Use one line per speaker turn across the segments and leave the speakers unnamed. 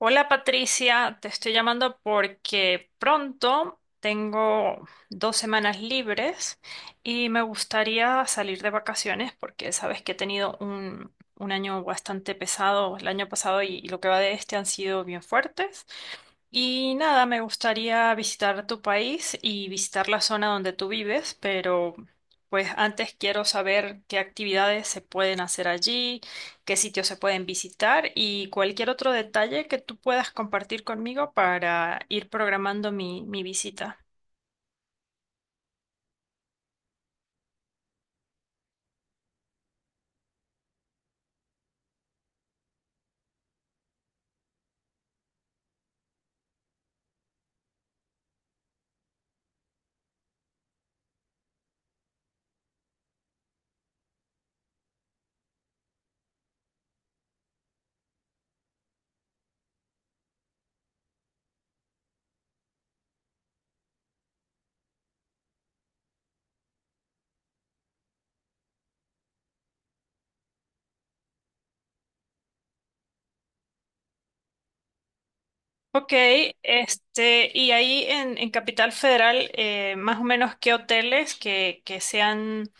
Hola Patricia, te estoy llamando porque pronto tengo dos semanas libres y me gustaría salir de vacaciones porque sabes que he tenido un año bastante pesado el año pasado y lo que va de este han sido bien fuertes y nada, me gustaría visitar tu país y visitar la zona donde tú vives, pero pues antes quiero saber qué actividades se pueden hacer allí, qué sitios se pueden visitar y cualquier otro detalle que tú puedas compartir conmigo para ir programando mi visita. Ok, y ahí en Capital Federal, más o menos qué hoteles que sean.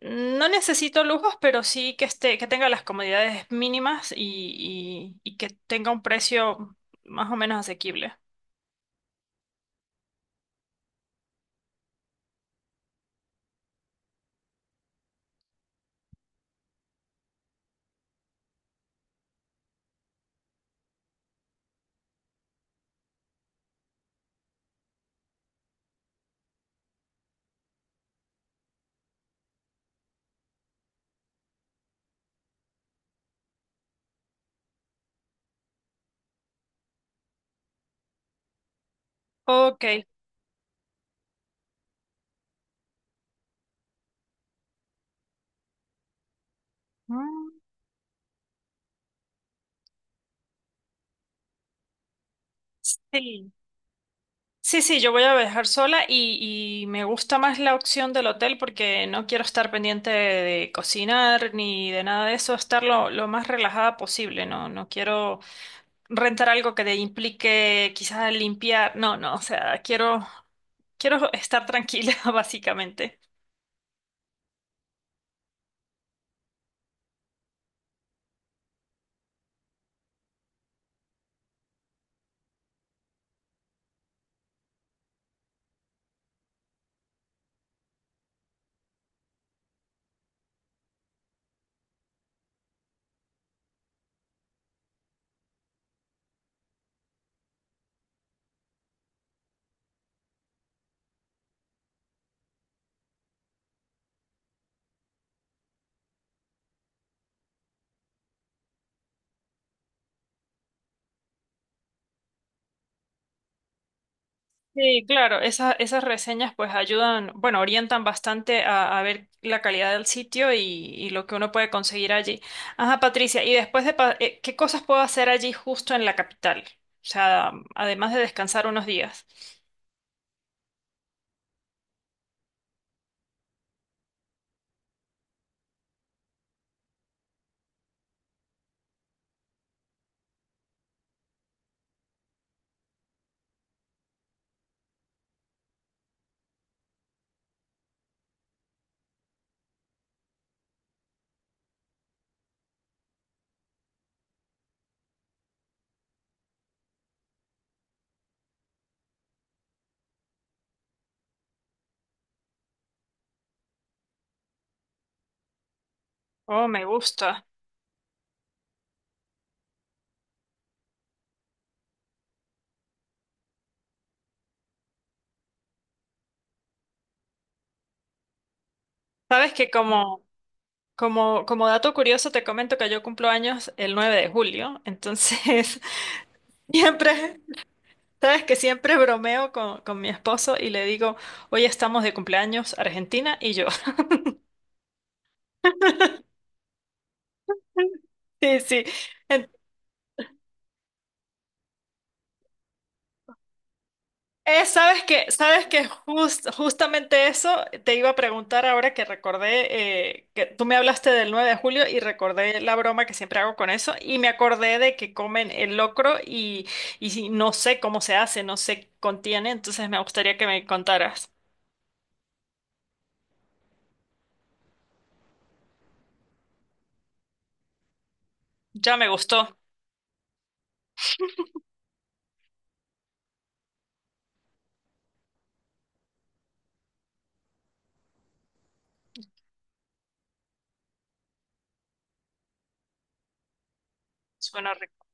No necesito lujos, pero sí que esté, que tenga las comodidades mínimas y que tenga un precio más o menos asequible. Ok. Mm. Sí. Sí, sí, yo voy a viajar sola y me gusta más la opción del hotel porque no quiero estar pendiente de cocinar ni de nada de eso, estar lo más relajada posible, no, no quiero rentar algo que te implique quizás limpiar, no, no, o sea, quiero, quiero estar tranquila, básicamente. Sí, claro, esas reseñas pues ayudan, bueno, orientan bastante a ver la calidad del sitio y lo que uno puede conseguir allí. Ajá, Patricia, y después ¿qué cosas puedo hacer allí justo en la capital? O sea, además de descansar unos días. Oh, me gusta. Sabes que como dato curioso te comento que yo cumplo años el 9 de julio, entonces siempre, sabes que siempre bromeo con mi esposo y le digo, hoy estamos de cumpleaños Argentina y yo. Sí, sí. En- sabes sabes que justamente eso te iba a preguntar ahora que recordé que tú me hablaste del 9 de julio y recordé la broma que siempre hago con eso y me acordé de que comen el locro y no sé cómo se hace, no sé qué contiene, entonces me gustaría que me contaras. Ya me gustó. Suena rico.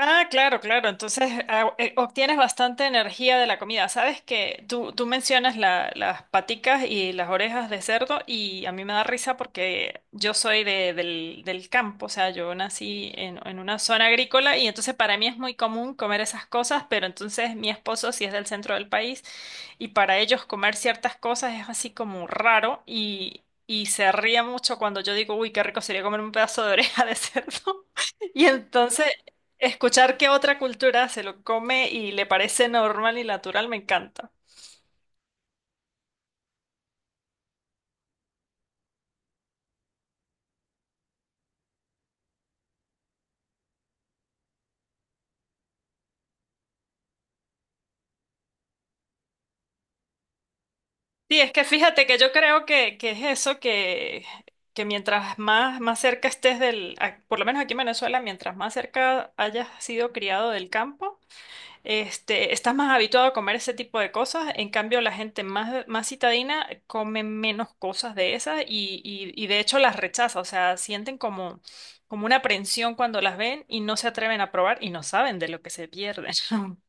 Ah, claro, claro. Entonces obtienes bastante energía de la comida. Sabes que tú mencionas las paticas y las orejas de cerdo y a mí me da risa porque yo soy del campo, o sea, yo nací en una zona agrícola y entonces para mí es muy común comer esas cosas, pero entonces mi esposo sí es del centro del país y para ellos comer ciertas cosas es así como raro y... Y se ríe mucho cuando yo digo, uy, qué rico sería comer un pedazo de oreja de cerdo. Y entonces, escuchar que otra cultura se lo come y le parece normal y natural me encanta. Sí, es que fíjate que yo creo que es eso que mientras más cerca estés por lo menos aquí en Venezuela, mientras más cerca hayas sido criado del campo, este, estás más habituado a comer ese tipo de cosas. En cambio, la gente más citadina come menos cosas de esas y de hecho las rechaza. O sea, sienten como, como una aprensión cuando las ven y no se atreven a probar y no saben de lo que se pierden.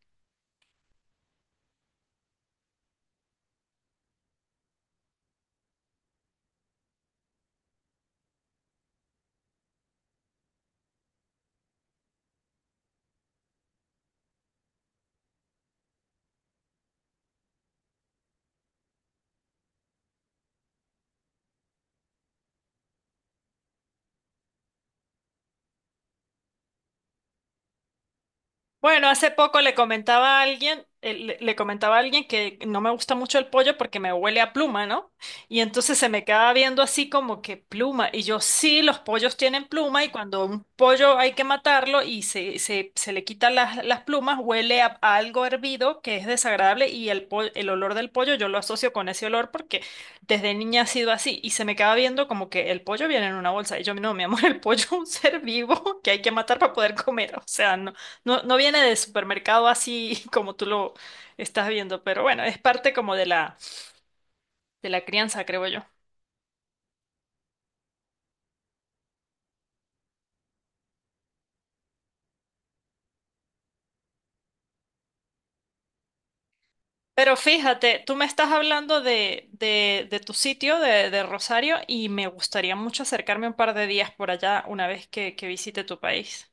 Bueno, hace poco le comentaba a alguien, le comentaba a alguien que no me gusta mucho el pollo porque me huele a pluma, ¿no? Y entonces se me quedaba viendo así como que pluma. Y yo, sí, los pollos tienen pluma y cuando un pollo hay que matarlo y se le quitan las plumas, huele a algo hervido que es desagradable y el olor del pollo yo lo asocio con ese olor porque desde niña ha sido así. Y se me quedaba viendo como que el pollo viene en una bolsa. Y yo, no, mi amor, el pollo es un ser vivo que hay que matar para poder comer. O sea, no, no viene de supermercado así como tú lo estás viendo, pero bueno, es parte como de la crianza, creo yo. Pero fíjate, tú me estás hablando de tu sitio, de Rosario, y me gustaría mucho acercarme un par de días por allá una vez que visite tu país.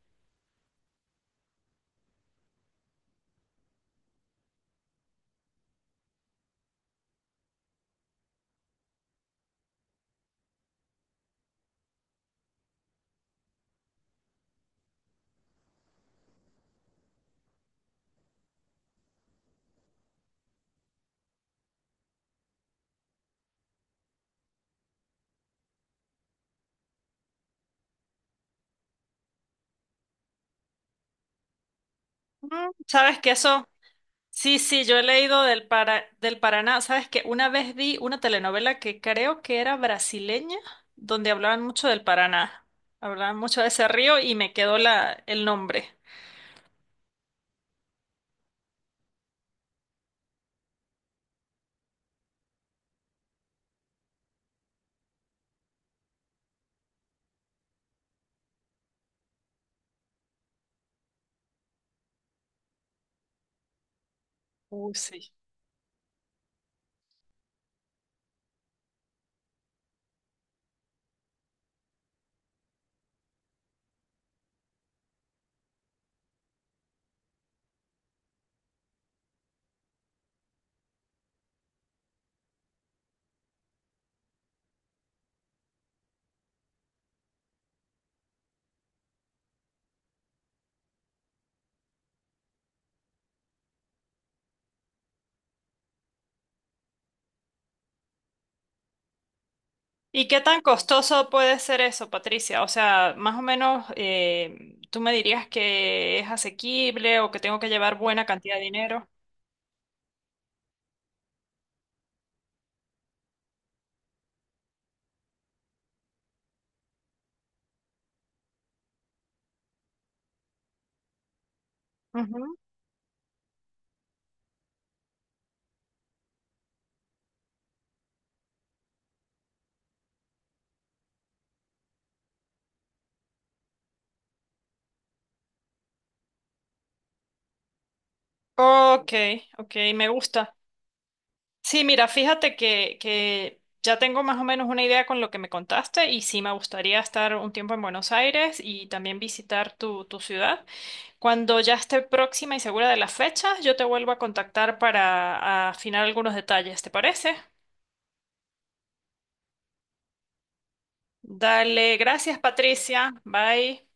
Mm, ¿sabes que eso? Sí, sí, yo he leído del Paraná. ¿Sabes que una vez vi una telenovela que creo que era brasileña, donde hablaban mucho del Paraná. Hablaban mucho de ese río y me quedó el nombre. Uy, sí. ¿Y qué tan costoso puede ser eso, Patricia? O sea, más o menos, ¿tú me dirías que es asequible o que tengo que llevar buena cantidad de dinero? Ujú. Ok, ok, me gusta. Sí, mira, fíjate que ya tengo más o menos una idea con lo que me contaste y sí me gustaría estar un tiempo en Buenos Aires y también visitar tu ciudad. Cuando ya esté próxima y segura de las fechas, yo te vuelvo a contactar para afinar algunos detalles, ¿te parece? Dale, gracias Patricia. Bye.